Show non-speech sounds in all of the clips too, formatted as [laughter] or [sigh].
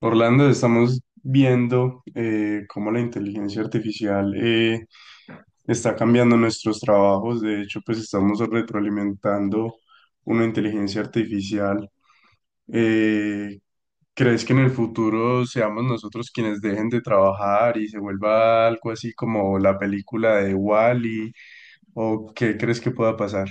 Orlando, estamos viendo cómo la inteligencia artificial está cambiando nuestros trabajos. De hecho, pues estamos retroalimentando una inteligencia artificial. Eh, ¿Crees que en el futuro seamos nosotros quienes dejen de trabajar y se vuelva algo así como la película de Wall-E? ¿O qué crees que pueda pasar?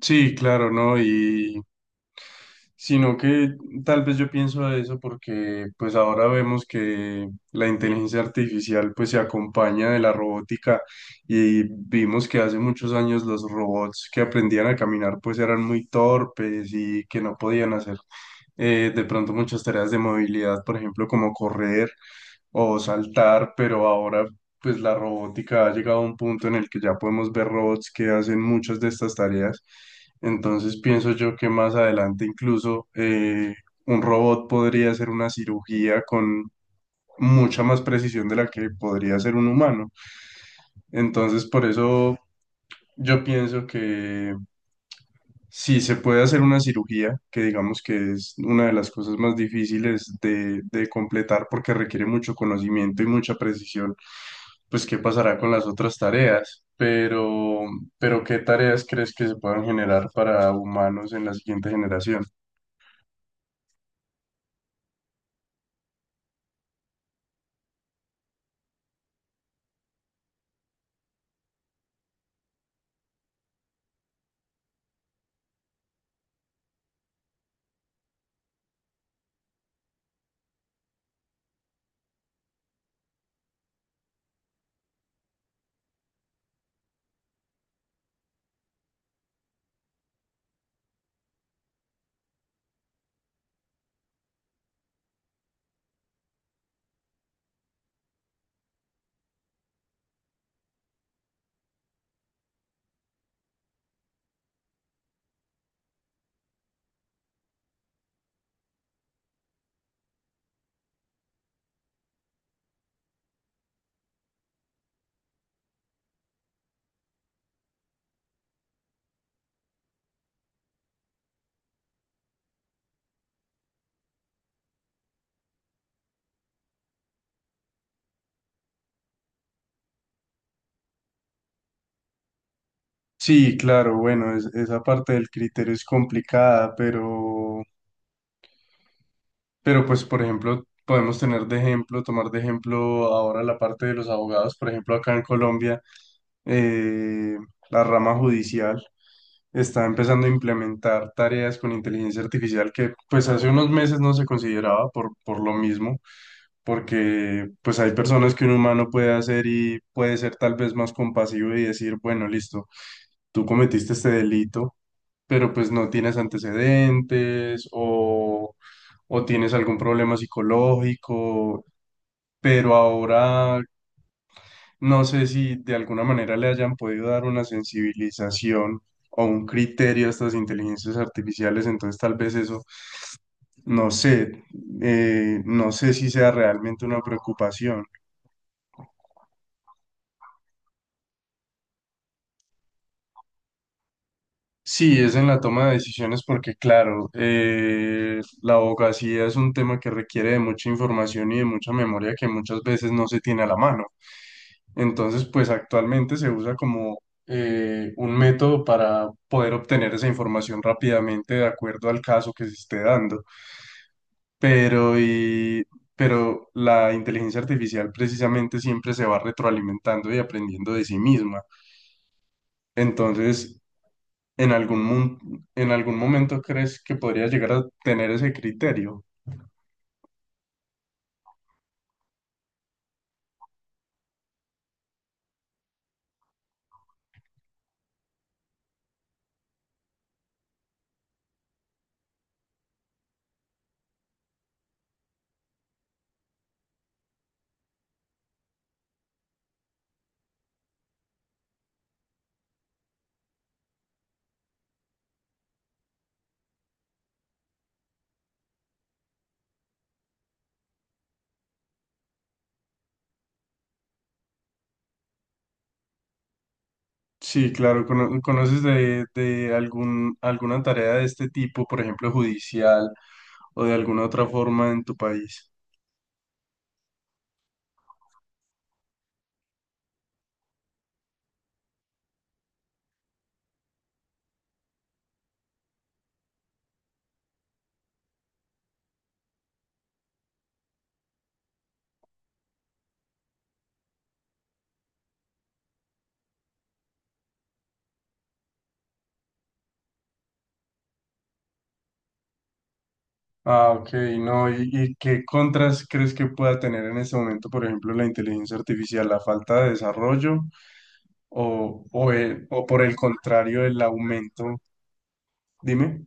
Sí, claro, ¿no? Y sino que tal vez yo pienso a eso porque pues ahora vemos que la inteligencia artificial pues se acompaña de la robótica y vimos que hace muchos años los robots que aprendían a caminar pues eran muy torpes y que no podían hacer de pronto muchas tareas de movilidad, por ejemplo, como correr o saltar, pero ahora pues la robótica ha llegado a un punto en el que ya podemos ver robots que hacen muchas de estas tareas. Entonces pienso yo que más adelante incluso un robot podría hacer una cirugía con mucha más precisión de la que podría hacer un humano. Entonces por eso yo pienso que si se puede hacer una cirugía, que digamos que es una de las cosas más difíciles de completar porque requiere mucho conocimiento y mucha precisión, pues qué pasará con las otras tareas. Pero ¿qué tareas crees que se puedan generar para humanos en la siguiente generación? Sí, claro, bueno, esa parte del criterio es complicada, pero pues, por ejemplo, podemos tener de ejemplo, tomar de ejemplo ahora la parte de los abogados, por ejemplo, acá en Colombia. Eh, la rama judicial está empezando a implementar tareas con inteligencia artificial que pues hace unos meses no se consideraba por lo mismo, porque pues hay personas que un humano puede hacer y puede ser tal vez más compasivo y decir, bueno, listo, tú cometiste este delito, pero pues no tienes antecedentes o tienes algún problema psicológico. Pero ahora no sé si de alguna manera le hayan podido dar una sensibilización o un criterio a estas inteligencias artificiales, entonces tal vez eso, no sé, no sé si sea realmente una preocupación. Sí, es en la toma de decisiones porque, claro, la abogacía es un tema que requiere de mucha información y de mucha memoria que muchas veces no se tiene a la mano. Entonces, pues actualmente se usa como un método para poder obtener esa información rápidamente de acuerdo al caso que se esté dando. Pero, y, pero la inteligencia artificial precisamente siempre se va retroalimentando y aprendiendo de sí misma. Entonces, ¿en algún, en algún momento crees que podría llegar a tener ese criterio? Sí, claro, ¿conoces de algún, alguna tarea de este tipo, por ejemplo, judicial o de alguna otra forma en tu país? Ah, ok, no, y qué contras crees que pueda tener en este momento, por ejemplo, la inteligencia artificial, la falta de desarrollo o, o por el contrario, el aumento? Dime.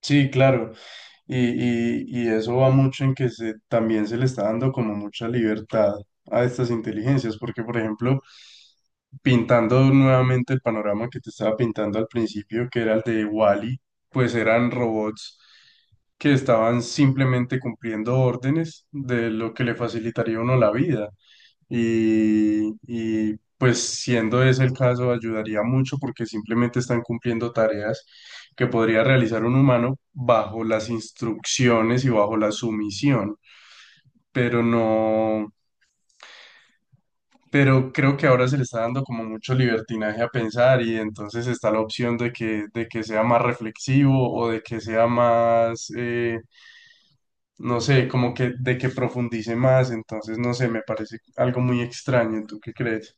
Sí, claro. Y, y eso va mucho en que se, también se le está dando como mucha libertad a estas inteligencias, porque por ejemplo, pintando nuevamente el panorama que te estaba pintando al principio, que era el de Wall-E, pues eran robots que estaban simplemente cumpliendo órdenes de lo que le facilitaría a uno la vida. Y, pues siendo ese el caso, ayudaría mucho porque simplemente están cumpliendo tareas que podría realizar un humano bajo las instrucciones y bajo la sumisión, pero no, pero creo que ahora se le está dando como mucho libertinaje a pensar y entonces está la opción de que sea más reflexivo o de que sea más, no sé, como que de que profundice más, entonces no sé, me parece algo muy extraño, ¿tú qué crees?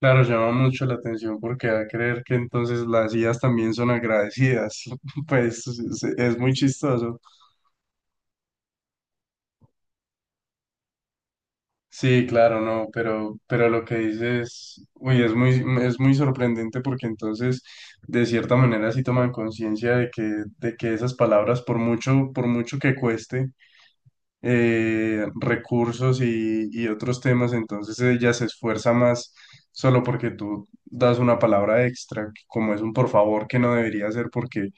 Claro, llama mucho la atención porque da a creer que entonces las IAs también son agradecidas. [laughs] Pues es muy chistoso. Sí, claro, no, pero lo que dices, uy, es muy sorprendente porque entonces de cierta manera sí toman conciencia de que esas palabras, por mucho que cueste, recursos y otros temas, entonces ella se esfuerza más solo porque tú das una palabra extra, que como es un por favor que no debería hacer porque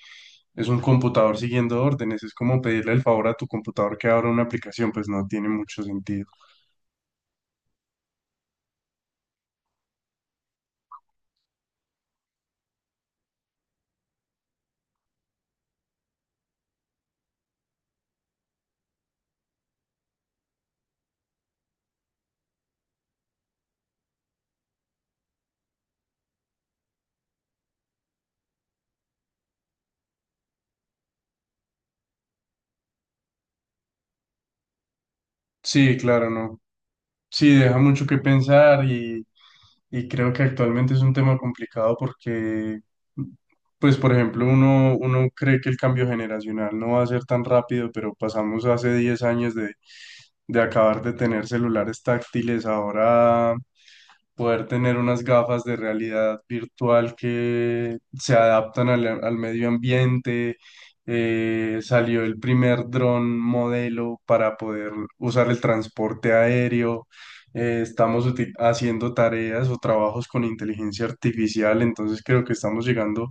es un computador siguiendo órdenes, es como pedirle el favor a tu computador que abra una aplicación, pues no tiene mucho sentido. Sí, claro, no. Sí, deja mucho que pensar y creo que actualmente es un tema complicado porque, pues, por ejemplo, uno, uno cree que el cambio generacional no va a ser tan rápido, pero pasamos hace 10 años de acabar de tener celulares táctiles, ahora poder tener unas gafas de realidad virtual que se adaptan al, al medio ambiente. Salió el primer dron modelo para poder usar el transporte aéreo. Eh, estamos haciendo tareas o trabajos con inteligencia artificial, entonces creo que estamos llegando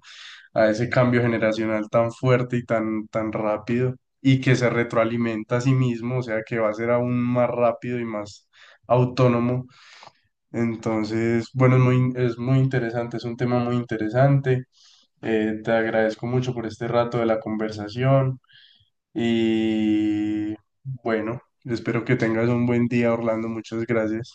a ese cambio generacional tan fuerte y tan, tan rápido y que se retroalimenta a sí mismo, o sea que va a ser aún más rápido y más autónomo. Entonces, bueno, es muy interesante, es un tema muy interesante. Te agradezco mucho por este rato de la conversación y bueno, espero que tengas un buen día, Orlando. Muchas gracias.